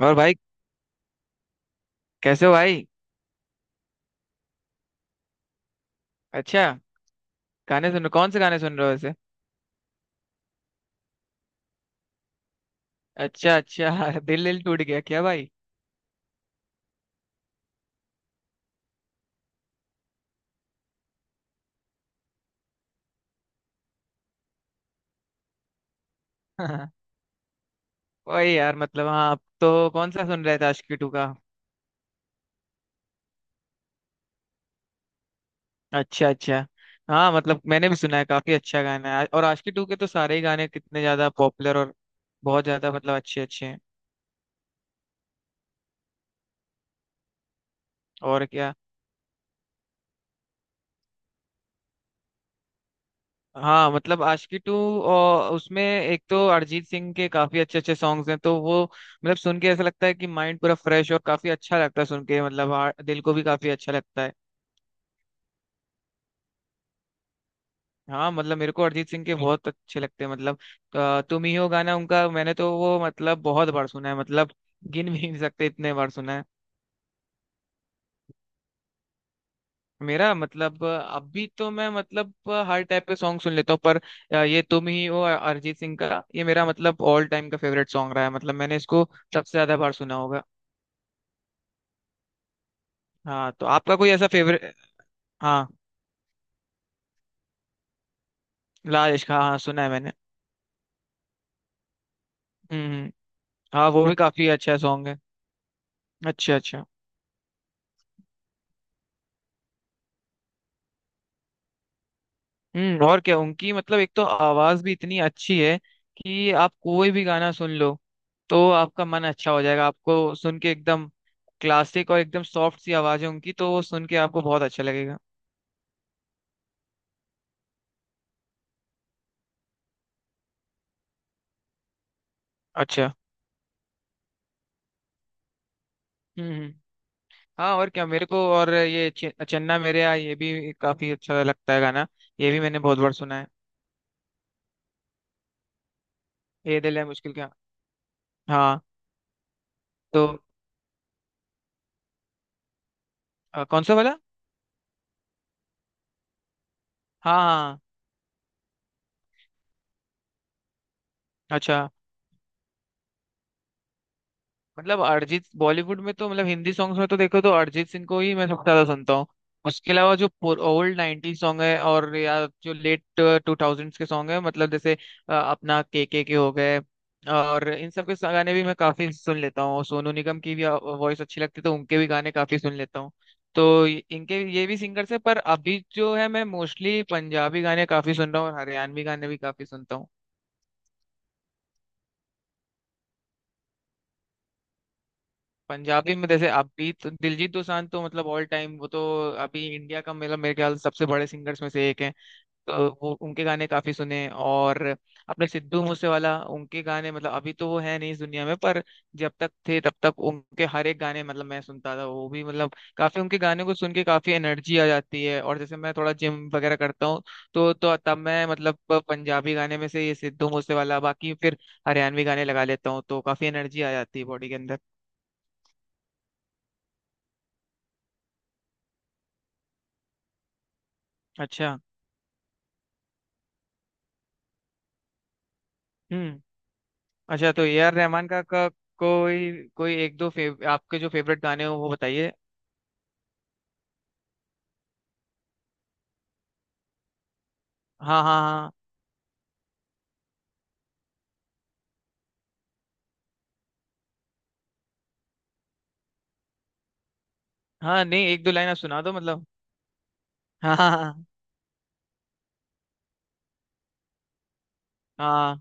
और भाई, कैसे हो भाई। अच्छा। कौन से गाने सुन रहे हो वैसे? अच्छा अच्छा। दिल दिल टूट गया क्या, भाई? वही यार, मतलब हाँ, आप तो कौन सा सुन रहे थे आशिकी टू का? अच्छा अच्छा। हाँ मतलब, मैंने भी सुना है, काफी अच्छा गाना है और आशिकी टू के तो सारे ही गाने कितने ज्यादा पॉपुलर और बहुत ज्यादा मतलब अच्छे अच्छे हैं। और क्या। हाँ मतलब आशिकी टू। और उसमें एक तो अरिजीत सिंह के काफी अच्छे अच्छे सॉन्ग्स हैं, तो वो मतलब सुन के ऐसा लगता है कि माइंड पूरा फ्रेश और काफी अच्छा लगता है सुन के, मतलब हाँ, दिल को भी काफी अच्छा लगता है। हाँ मतलब, मेरे को अरिजीत सिंह के बहुत अच्छे लगते हैं, मतलब तुम ही हो गाना उनका, मैंने तो वो मतलब बहुत बार सुना है, मतलब गिन भी नहीं सकते इतने बार सुना है। मेरा मतलब अभी तो मैं, मतलब हर टाइप के सॉन्ग सुन लेता हूँ, पर ये तुम ही हो अरिजीत सिंह का, ये मेरा मतलब ऑल टाइम का फेवरेट सॉन्ग रहा है, मतलब मैंने इसको सबसे ज्यादा बार सुना होगा। हाँ तो आपका कोई ऐसा फेवरेट? हाँ, लाल इश्क, हाँ हाँ सुना है मैंने। हम्म। हाँ, वो भी काफी अच्छा सॉन्ग है। अच्छा अच्छा। और क्या, उनकी मतलब एक तो आवाज भी इतनी अच्छी है कि आप कोई भी गाना सुन लो तो आपका मन अच्छा हो जाएगा, आपको सुन के एकदम क्लासिक और एकदम सॉफ्ट सी आवाज है उनकी, तो वो सुन के आपको बहुत अच्छा लगेगा। अच्छा। हम्म हम्म। हाँ और क्या, मेरे को, और ये चन्ना मेरे आ, ये भी काफी अच्छा लगता है गाना। ये भी मैंने बहुत बार सुना है। ये दिल है मुश्किल क्या? हाँ तो कौन सा वाला? हाँ हाँ। अच्छा। मतलब अरिजीत बॉलीवुड में तो, मतलब हिंदी सॉन्ग्स में तो देखो तो अरिजीत सिंह को ही मैं सबसे ज्यादा सुनता हूँ। उसके अलावा जो ओल्ड नाइनटी सॉन्ग है और या जो लेट टू थाउजेंड्स के सॉन्ग है, मतलब जैसे अपना के हो गए, और इन सब के गाने भी मैं काफी सुन लेता हूँ। सोनू निगम की भी वॉइस अच्छी लगती है, तो उनके भी गाने काफी सुन लेता हूँ। तो इनके ये भी सिंगर्स है, पर अभी जो है मैं मोस्टली पंजाबी गाने काफी सुन रहा हूँ और हरियाणवी गाने भी काफी सुनता हूँ। पंजाबी में जैसे अभी तो दिलजीत दोसांझ, तो मतलब ऑल टाइम, वो तो अभी इंडिया का मतलब मेरे ख्याल से सबसे बड़े सिंगर्स में से एक हैं, तो वो उनके गाने काफी सुने। और अपने सिद्धू मूसेवाला, उनके गाने मतलब अभी तो वो है नहीं इस दुनिया में, पर जब तक थे तब तक उनके हर एक गाने मतलब मैं सुनता था, वो भी मतलब काफी, उनके गाने को सुन के काफी एनर्जी आ जाती है, और जैसे मैं थोड़ा जिम वगैरह करता हूँ, तो तब मैं, मतलब पंजाबी गाने में से ये सिद्धू मूसेवाला, बाकी फिर हरियाणवी गाने लगा लेता हूँ, तो काफी एनर्जी आ जाती है बॉडी के अंदर। अच्छा। हम्म। अच्छा, तो ए आर रहमान का कोई कोई एक दो फेव, आपके जो फेवरेट गाने हो वो बताइए। हाँ हाँ हाँ। हाँ नहीं, एक दो लाइन आप सुना दो मतलब। हाँ हाँ हाँ हाँ।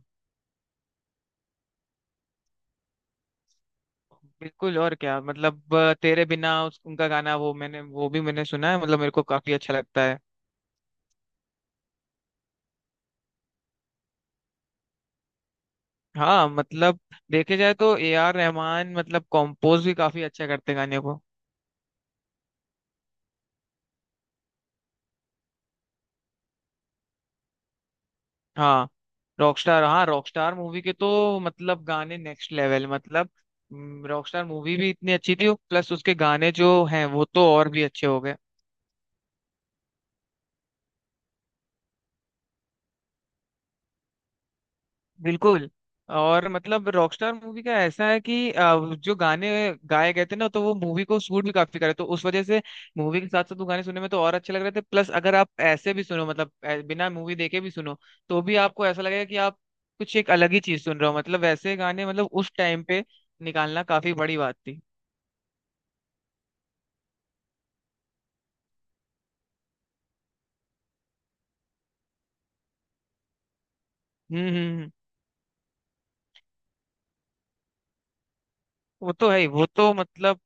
बिल्कुल, और क्या मतलब, तेरे बिना, उनका गाना वो, मैंने वो भी मैंने सुना है, मतलब मेरे को काफी अच्छा लगता है। हाँ मतलब, देखे जाए तो ए आर रहमान मतलब कंपोज भी काफी अच्छा करते हैं गाने को। हाँ रॉकस्टार, हाँ रॉकस्टार मूवी के तो मतलब गाने नेक्स्ट लेवल, मतलब रॉकस्टार मूवी भी इतनी अच्छी थी, प्लस उसके गाने जो हैं वो तो और भी अच्छे हो गए। बिल्कुल। और मतलब रॉकस्टार मूवी का ऐसा है कि जो गाने गाए गए थे ना, तो वो मूवी को सूट भी काफी करे, तो उस वजह से मूवी के साथ साथ वो गाने सुनने में तो और अच्छे लग रहे थे, प्लस अगर आप ऐसे भी सुनो, मतलब बिना मूवी देखे भी सुनो तो भी आपको ऐसा लगेगा कि आप कुछ एक अलग ही चीज सुन रहे हो, मतलब वैसे गाने मतलब उस टाइम पे निकालना काफी बड़ी बात थी। हम्म हम्म हम्म। वो तो है ही, वो तो मतलब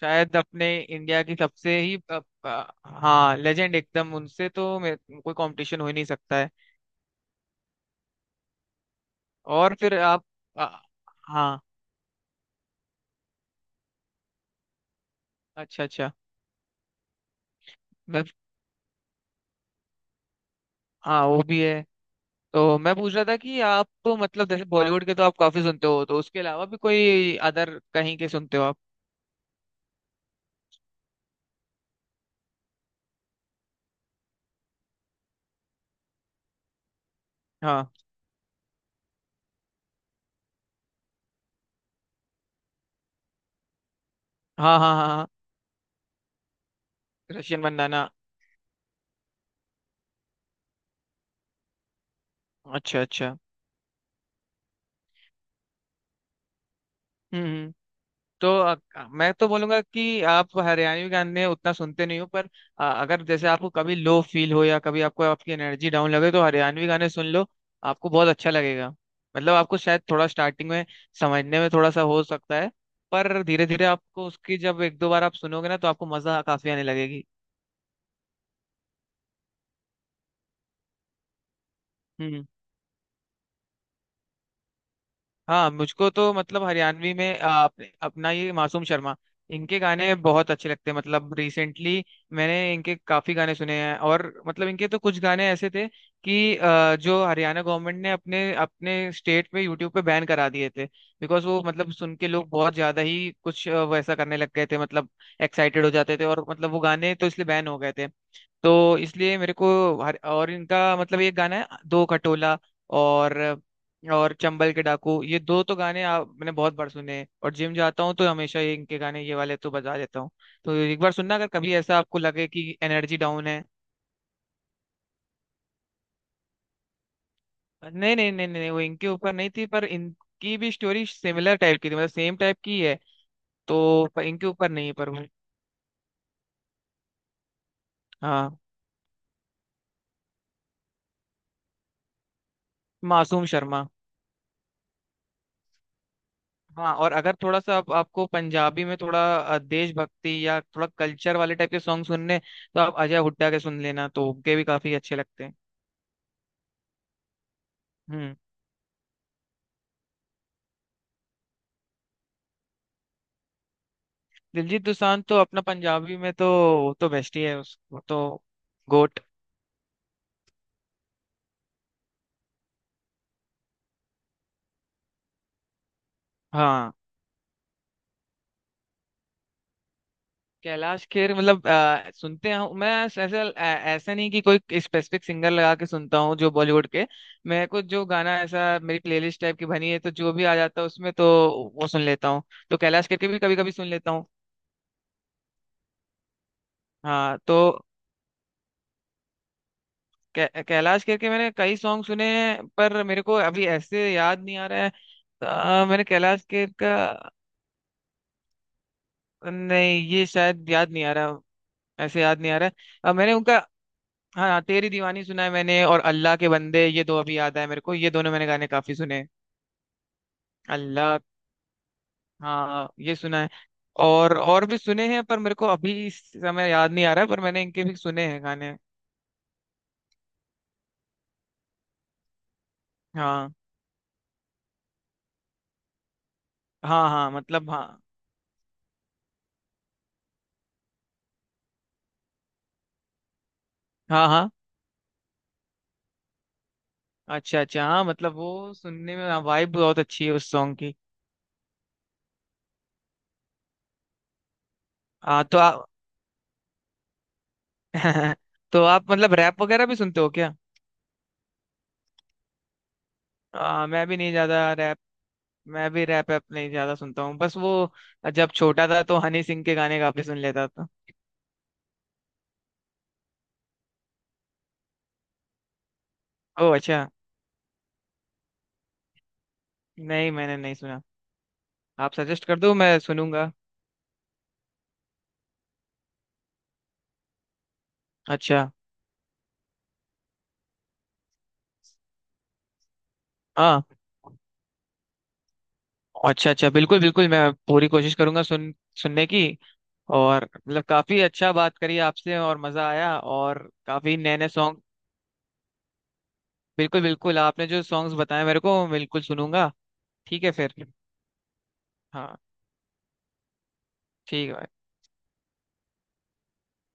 शायद अपने इंडिया की सबसे ही हाँ लेजेंड एकदम, उनसे तो कोई कंपटीशन हो ही नहीं सकता है। और फिर आप अ, हाँ। अच्छा अच्छा। मैं। हाँ वो भी है। तो मैं पूछ रहा था कि आप तो मतलब जैसे बॉलीवुड के तो आप काफी सुनते हो, तो उसके अलावा भी कोई अदर कहीं के सुनते हो आप? हाँ हाँ हाँ हाँ, हाँ, रशियन मंदाना। अच्छा अच्छा। हम्म हम्म। तो मैं तो बोलूंगा कि आप हरियाणवी गाने उतना सुनते नहीं हो, पर अगर जैसे आपको कभी लो फील हो या कभी आपको आपकी एनर्जी डाउन लगे तो हरियाणवी गाने सुन लो, आपको बहुत अच्छा लगेगा। मतलब आपको शायद थोड़ा स्टार्टिंग में समझने में थोड़ा सा हो सकता है, पर धीरे धीरे आपको उसकी, जब एक दो बार आप सुनोगे ना तो आपको मजा काफी आने लगेगी। हम्म। हाँ, मुझको तो मतलब हरियाणवी में अपना ये मासूम शर्मा, इनके गाने बहुत अच्छे लगते हैं, मतलब रिसेंटली मैंने इनके काफी गाने सुने हैं। और मतलब इनके तो कुछ गाने ऐसे थे कि जो हरियाणा गवर्नमेंट ने अपने अपने स्टेट में यूट्यूब पे बैन करा दिए थे, बिकॉज वो मतलब सुन के लोग बहुत ज्यादा ही कुछ वैसा करने लग गए थे, मतलब एक्साइटेड हो जाते थे, और मतलब वो गाने तो इसलिए बैन हो गए थे। तो इसलिए मेरे को, हर, और इनका मतलब ये गाना है दो खटोला, और और चंबल के डाकू, ये दो तो गाने आप, मैंने बहुत बार सुने हैं, और जिम जाता हूँ तो हमेशा ये इनके गाने ये वाले तो बजा देता हूँ। तो एक बार सुनना, अगर कभी ऐसा आपको लगे कि एनर्जी डाउन है। नहीं नहीं नहीं नहीं, वो इनके ऊपर नहीं थी, पर इनकी भी स्टोरी सिमिलर टाइप की थी, मतलब सेम टाइप की है, तो पर इनके ऊपर नहीं, पर वो। हाँ। मासूम शर्मा। हाँ, और अगर थोड़ा सा आपको पंजाबी में थोड़ा देशभक्ति या थोड़ा कल्चर वाले टाइप के सॉन्ग सुनने हैं, तो आप अजय हुड्डा के सुन लेना, तो उनके भी काफी अच्छे लगते हैं। हम्म। दिलजीत दोसांझ तो अपना पंजाबी में तो, वो तो बेस्ट ही है, उसको तो गोट। हाँ। कैलाश खेर मतलब सुनते हैं, मैं ऐसे ऐसा, ऐसा नहीं कि कोई स्पेसिफिक सिंगर लगा के सुनता हूँ, जो बॉलीवुड के मेरे को जो गाना ऐसा, मेरी प्लेलिस्ट टाइप की बनी है तो जो भी आ जाता है उसमें तो वो सुन लेता हूँ, तो कैलाश खेर के भी कभी कभी सुन लेता हूँ। हाँ तो कैलाश खेर के मैंने कई सॉन्ग सुने हैं, पर मेरे को अभी ऐसे याद नहीं आ रहा है। मैंने कैलाश खेर का। नहीं, ये शायद याद नहीं आ रहा। ऐसे याद नहीं आ रहा है। मैंने उनका। हाँ हाँ, तेरी दीवानी सुना है मैंने, और अल्लाह के बंदे, ये दो अभी याद आए मेरे को, ये दोनों मैंने गाने काफी सुने हैं। अल्लाह। हाँ, ये सुना है, और भी सुने हैं, पर मेरे को अभी इस समय याद नहीं आ रहा है, पर मैंने इनके भी सुने हैं गाने। हाँ हाँ हाँ मतलब हाँ हाँ हाँ। अच्छा अच्छा। हाँ मतलब, वो सुनने में वाइब बहुत अच्छी है उस सॉन्ग की। हाँ तो आप। तो आप मतलब रैप वगैरह भी सुनते हो क्या? मैं भी नहीं ज्यादा रैप। मैं भी रैप ऐप नहीं ज्यादा सुनता हूँ, बस वो जब छोटा था तो हनी सिंह के गाने काफी सुन लेता था। ओह अच्छा। नहीं मैंने नहीं सुना। आप सजेस्ट कर दो, मैं सुनूंगा। अच्छा। हाँ। अच्छा अच्छा, बिल्कुल बिल्कुल, मैं पूरी कोशिश करूंगा सुनने की। और मतलब काफी अच्छा बात करी आपसे, और मजा आया, और काफी नए नए सॉन्ग। बिल्कुल बिल्कुल, आपने जो सॉन्ग्स बताए मेरे को बिल्कुल सुनूंगा। ठीक है फिर। हाँ ठीक है भाई।